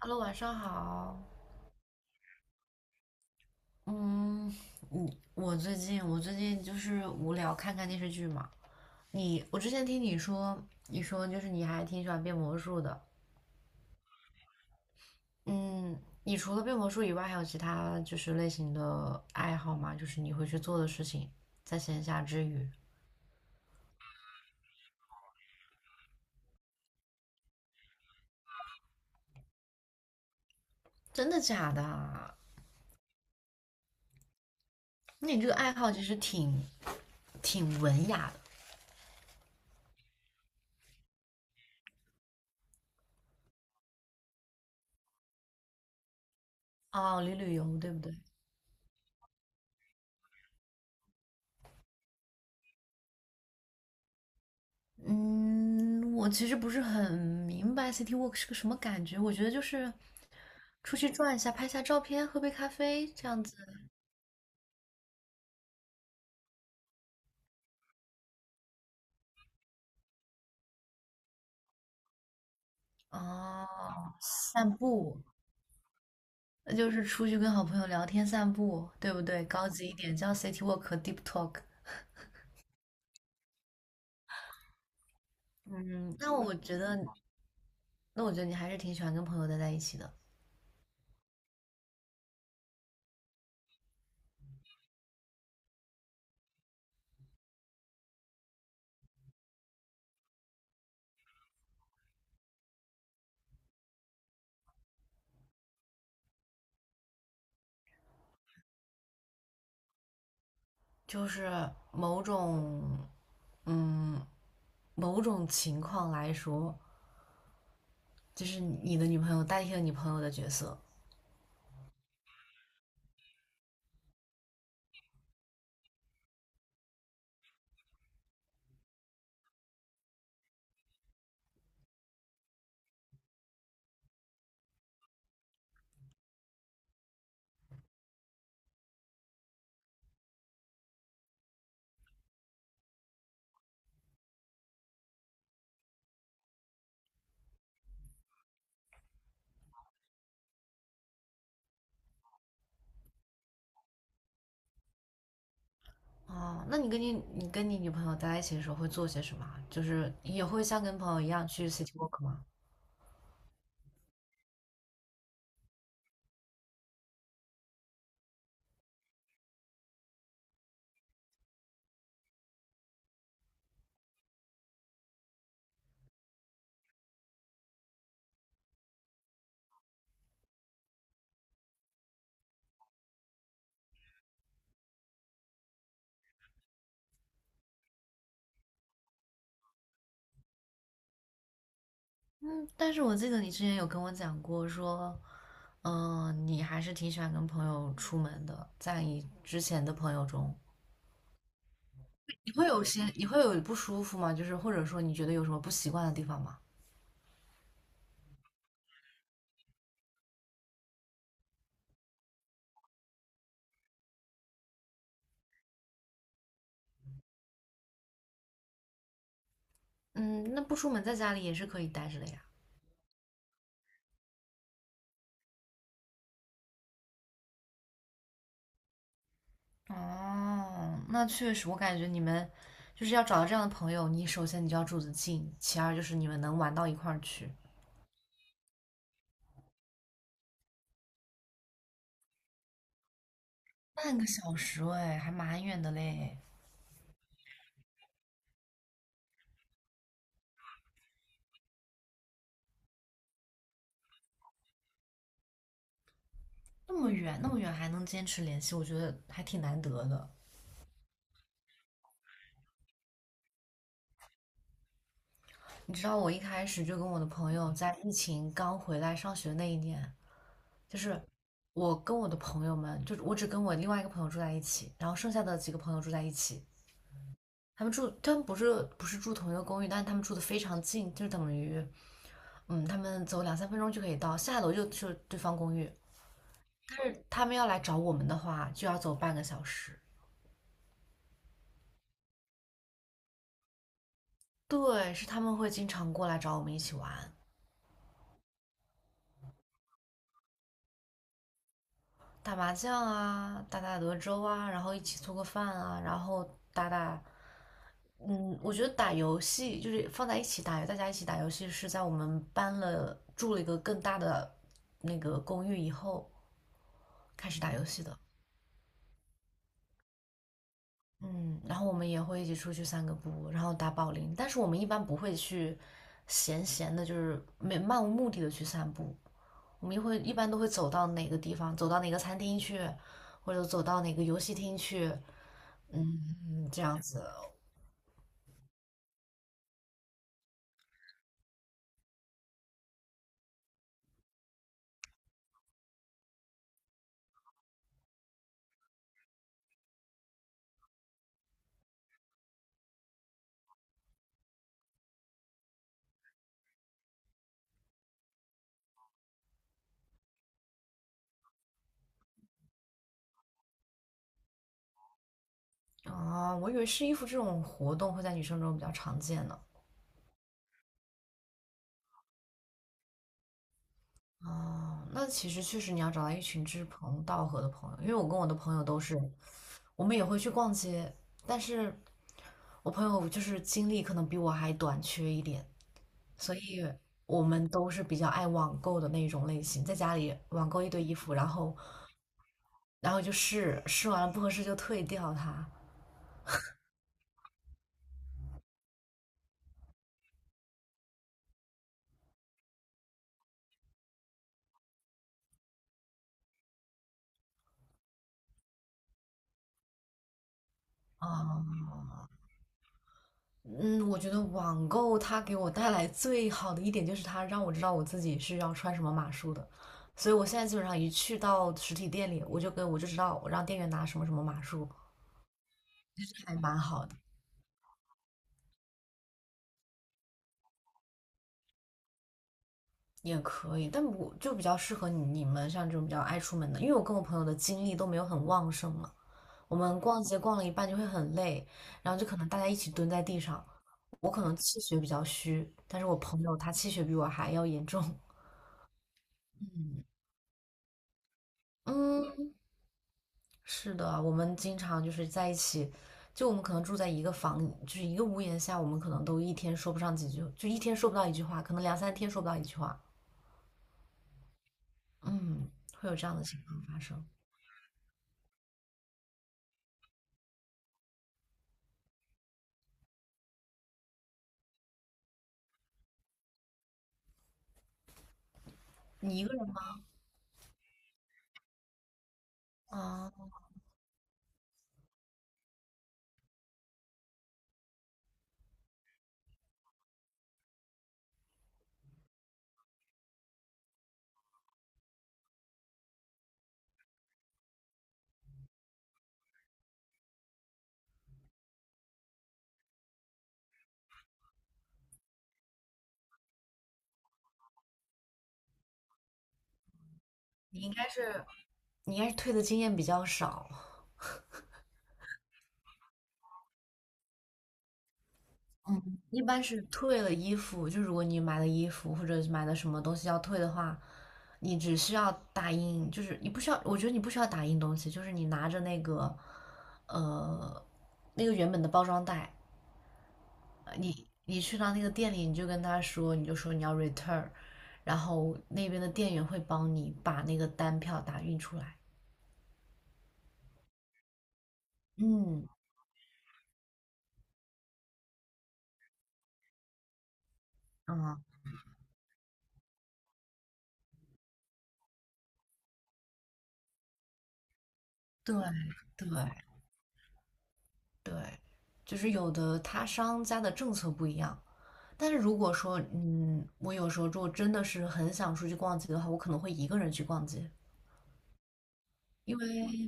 Hello，晚上好。嗯，你我最近我最近就是无聊，看看电视剧嘛。我之前听你说，你还挺喜欢变魔术的。嗯，你除了变魔术以外，还有其他类型的爱好吗？就是你会去做的事情，在闲暇之余。真的假的啊？那你这个爱好其实挺文雅的哦，旅游对不对？嗯，我其实不是很明白 City Walk 是个什么感觉，我觉得就是出去转一下，拍下照片，喝杯咖啡这样子哦，散步，那就是出去跟好朋友聊天散步，对不对？高级一点叫 City Walk 和 Deep Talk。嗯，那我觉得你还是挺喜欢跟朋友待在一起的，就是某种，嗯，某种情况来说，就是你的女朋友代替了你朋友的角色。哦，那你跟你女朋友待在一起的时候会做些什么啊，就是也会像跟朋友一样去 city walk 吗？嗯，但是我记得你之前有跟我讲过说，嗯、你还是挺喜欢跟朋友出门的，在你之前的朋友中，你会有不舒服吗？就是或者说你觉得有什么不习惯的地方吗？嗯，那不出门在家里也是可以待着的呀。哦，那确实，我感觉你们就是要找到这样的朋友，首先你就要住得近，其二就是你们能玩到一块儿去。半个小时哎，还蛮远的嘞，那么远还能坚持联系，我觉得还挺难得的。你知道我一开始就跟我的朋友在疫情刚回来上学那一年，就是我只跟我另外一个朋友住在一起，然后剩下的几个朋友住在一起。他们不是住同一个公寓，但是他们住的非常近，就等于，嗯，他们走两三分钟就可以到，下楼就去对方公寓。但是他们要来找我们的话，就要走半个小时。对，是他们会经常过来找我们一起玩，打麻将啊，打打德州啊，然后一起做个饭啊，然后打打，嗯，我觉得打游戏就是放在一起打，大家一起打游戏是在我们住了一个更大的那个公寓以后开始打游戏的。嗯，然后我们也会一起出去散个步，然后打保龄，但是我们一般不会去闲闲的，就是没漫无目的的去散步，我们一般都会走到哪个地方，走到哪个餐厅去，或者走到哪个游戏厅去，嗯，这样子。啊，我以为试衣服这种活动会在女生中比较常见呢。啊，那其实确实你要找到一群志同道合的朋友，因为我跟我的朋友都是，我们也会去逛街，但是我朋友就是精力可能比我还短缺一点，所以我们都是比较爱网购的那种类型，在家里网购一堆衣服，然后就试试完了不合适就退掉它。啊、嗯，我觉得网购它给我带来最好的一点就是它让我知道我自己是要穿什么码数的，所以我现在基本上一去到实体店里，我就知道我让店员拿什么什么码数，还蛮好的，也可以。但我就比较适合你们像这种比较爱出门的，因为我跟我朋友的精力都没有很旺盛嘛，我们逛街逛了一半就会很累，然后就可能大家一起蹲在地上，我可能气血比较虚，但是我朋友他气血比我还要严重。嗯，是的，我们经常就是在一起，就我们可能住在一个房，就是一个屋檐下，我们可能都一天说不上几句，就一天说不到一句话，可能两三天说不到一句话。嗯，会有这样的情况发生。你一个人吗？啊，你应该是你应该是退的经验比较少。一般是退了衣服，就如果你买了衣服或者是买了什么东西要退的话，你只需要打印，就是你不需要，我觉得你不需要打印东西，就是你拿着那个，呃，那个原本的包装袋，你去到那个店里，你就说你要 return，然后那边的店员会帮你把那个单票打印出来。嗯嗯，对对对，就是有的他商家的政策不一样。但是如果说，嗯，我有时候如果真的是很想出去逛街的话，我可能会一个人去逛街，因为，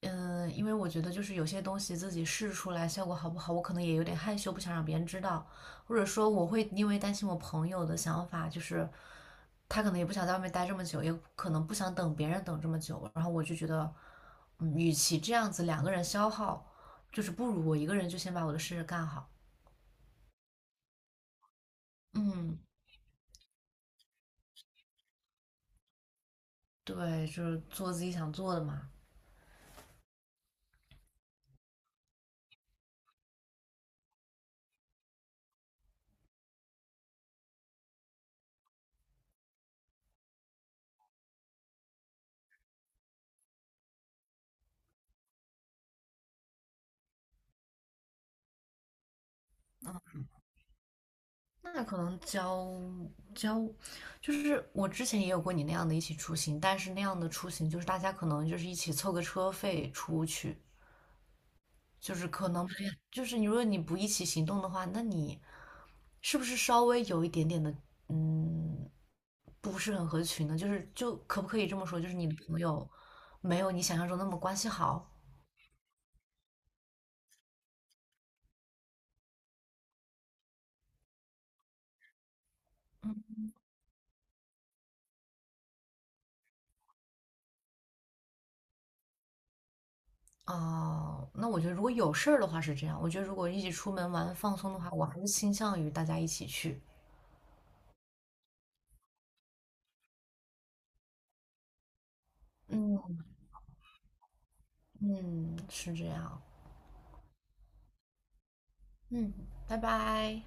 嗯、因为我觉得就是有些东西自己试出来效果好不好，我可能也有点害羞，不想让别人知道，或者说我会因为担心我朋友的想法，就是他可能也不想在外面待这么久，也可能不想等别人等这么久，然后我就觉得，嗯，与其这样子两个人消耗，就是不如我一个人就先把我的事干好，嗯，对，就是做自己想做的嘛。那可能交，就是我之前也有过你那样的一起出行，但是那样的出行就是大家可能就是一起凑个车费出去，就是可能没有就是你如果你不一起行动的话，那你是不是稍微有一点点的嗯不是很合群呢？就是就可不可以这么说，就是你的朋友没有你想象中那么关系好。啊？那我觉得如果有事儿的话是这样，我觉得如果一起出门玩放松的话，我还是倾向于大家一起去。嗯。嗯，是这样。嗯，拜拜。